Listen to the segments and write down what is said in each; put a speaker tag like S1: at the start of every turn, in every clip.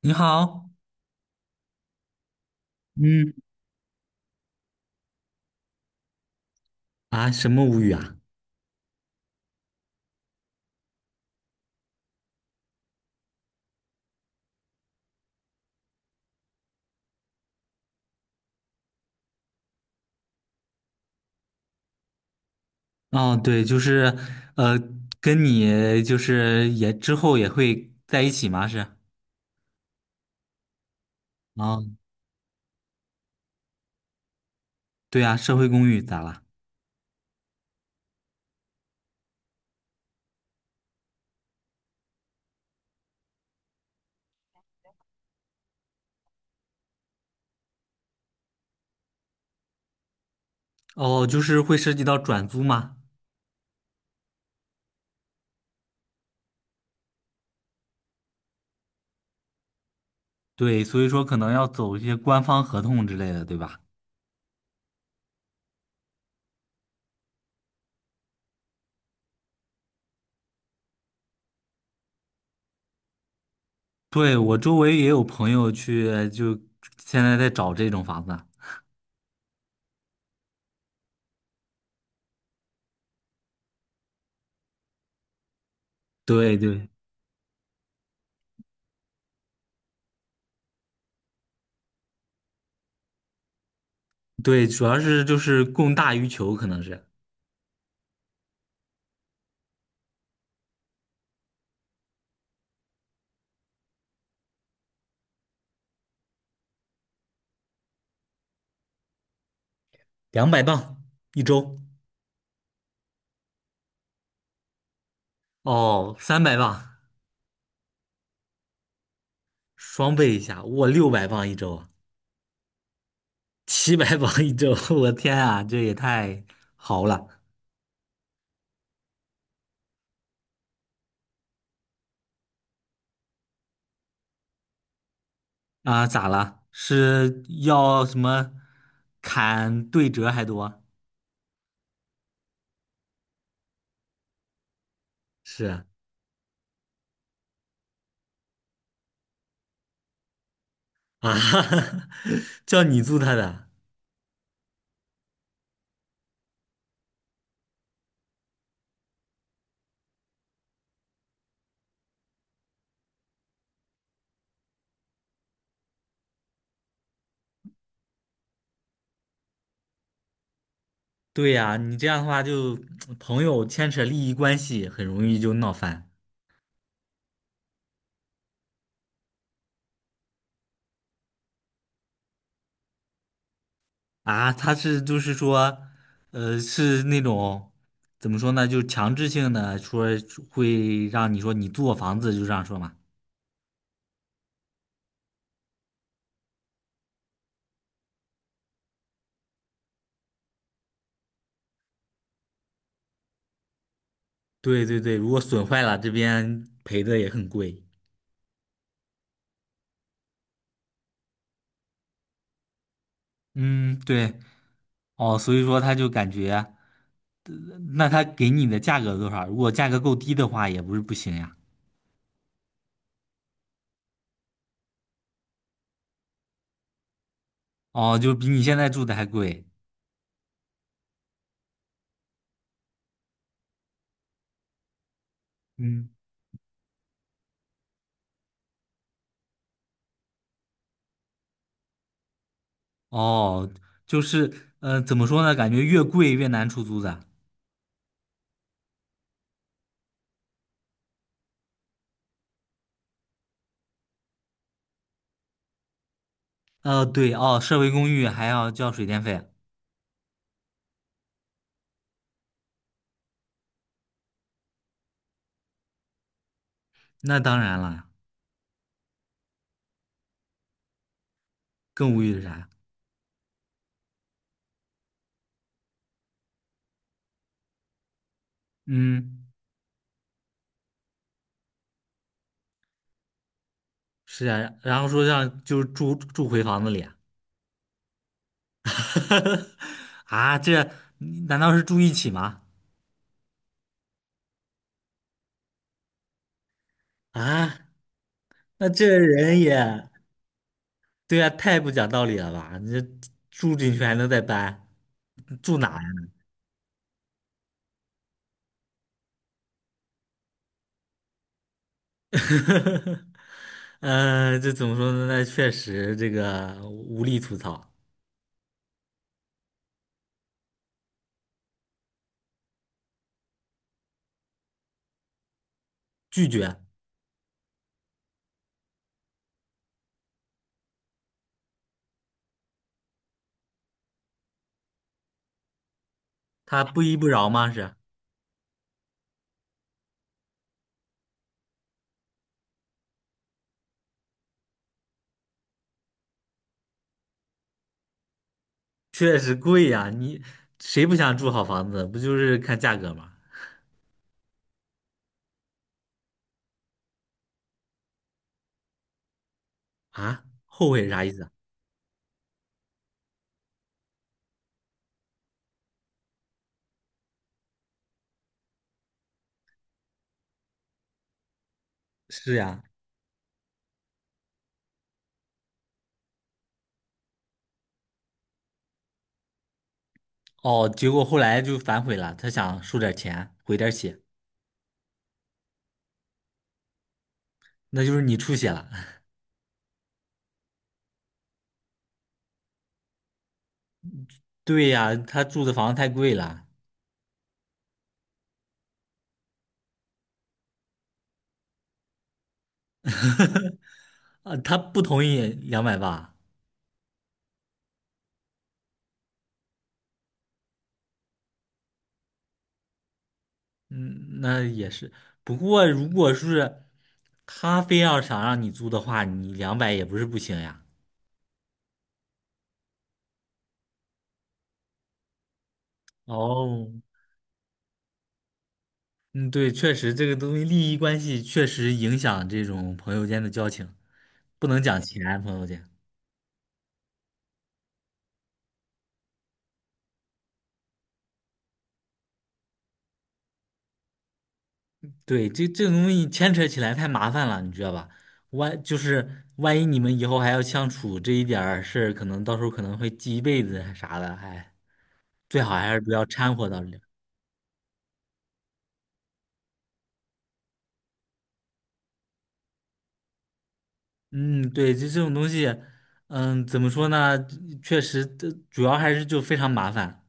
S1: 你好。嗯。啊，什么无语啊？哦，对，就是，呃，跟你就是也之后也会在一起吗？是。啊。对啊，社会公寓咋了？哦，就是会涉及到转租吗？对，所以说可能要走一些官方合同之类的，对吧？对，我周围也有朋友去，就现在在找这种房子。对对对，主要是就是供大于求，可能是200磅一周。哦，300磅。双倍一下，我600磅一周啊。700磅一周，我天啊，这也太豪了。啊！咋了？是要什么砍对折还多？是啊。啊， 叫你租他的？对呀，你这样的话就朋友牵扯利益关系，很容易就闹翻。啊，他是就是说，是那种怎么说呢，就强制性的说会让你说你租我房子，就这样说嘛。对对对，如果损坏了，这边赔的也很贵。嗯，对。哦，所以说他就感觉，呃那他给你的价格多少？如果价格够低的话，也不是不行呀。哦，就比你现在住的还贵。嗯。哦，就是，呃，怎么说呢？感觉越贵越难出租的。对。哦，社会公寓还要交水电费。那当然了。更无语的啥？嗯。是啊，然后说让就是住住回房子里。啊，这难道是住一起吗？啊，那这人也。对啊，太不讲道理了吧？你这住进去还能再搬？住哪呀？这怎么说呢？那确实这个无力吐槽。拒绝。他不依不饶吗？是。确实贵呀，你谁不想住好房子？不就是看价格吗？啊，后悔啥意思啊？是呀。哦，结果后来就反悔了，他想收点钱，回点血。那就是你出血了。对呀，他住的房子太贵了。啊，他不同意280。嗯，那也是。不过如果是他非要想让你租的话，你两百也不是不行呀。哦。嗯，对，确实这个东西利益关系确实影响这种朋友间的交情，不能讲钱，朋友间。对，这这种东西牵扯起来太麻烦了，你知道吧？万就是万一你们以后还要相处，这一点儿事儿，可能到时候可能会记一辈子啊啥的。哎，最好还是不要掺和到里。嗯，对，就这种东西。嗯，怎么说呢？确实，这主要还是就非常麻烦。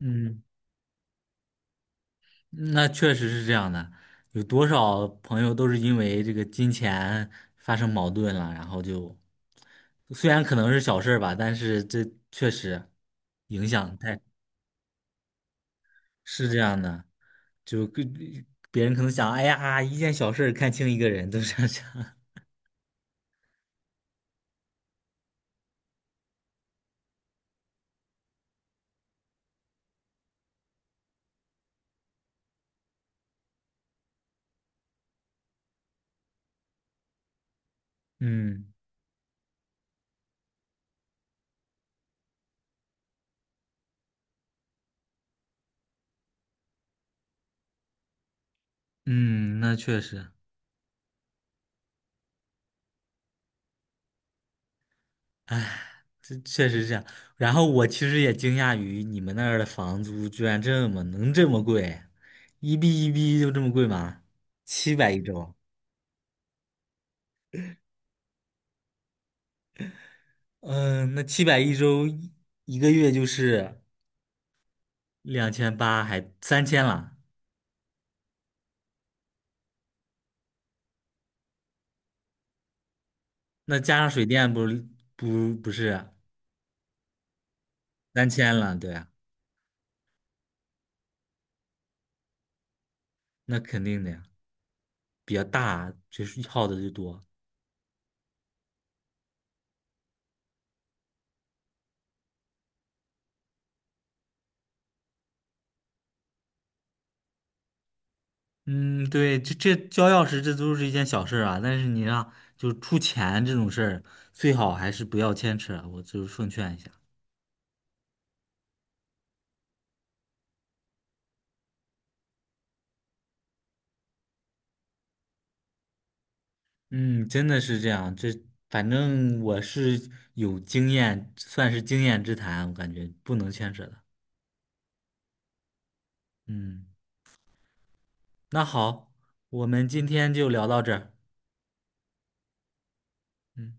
S1: 嗯。那确实是这样的，有多少朋友都是因为这个金钱发生矛盾了，然后就虽然可能是小事儿吧，但是这确实影响太。是这样的，就跟别人可能想，哎呀，一件小事儿看清一个人，都是这样想。嗯嗯，那确实。哎。这确实是这样。然后我其实也惊讶于你们那儿的房租居然这么能这么贵，一币一币就这么贵吗？七百一周。嗯，那七百一周一一个月就是2800，还三千了。那加上水电不是不是三千了，对啊。那肯定的呀，比较大，就是耗的就多。嗯，对，这这交钥匙这都是一件小事儿啊，但是你让就出钱这种事儿，最好还是不要牵扯，我就是奉劝一下。嗯，真的是这样，这反正我是有经验，算是经验之谈，我感觉不能牵扯的。嗯，那好，我们今天就聊到这儿。嗯。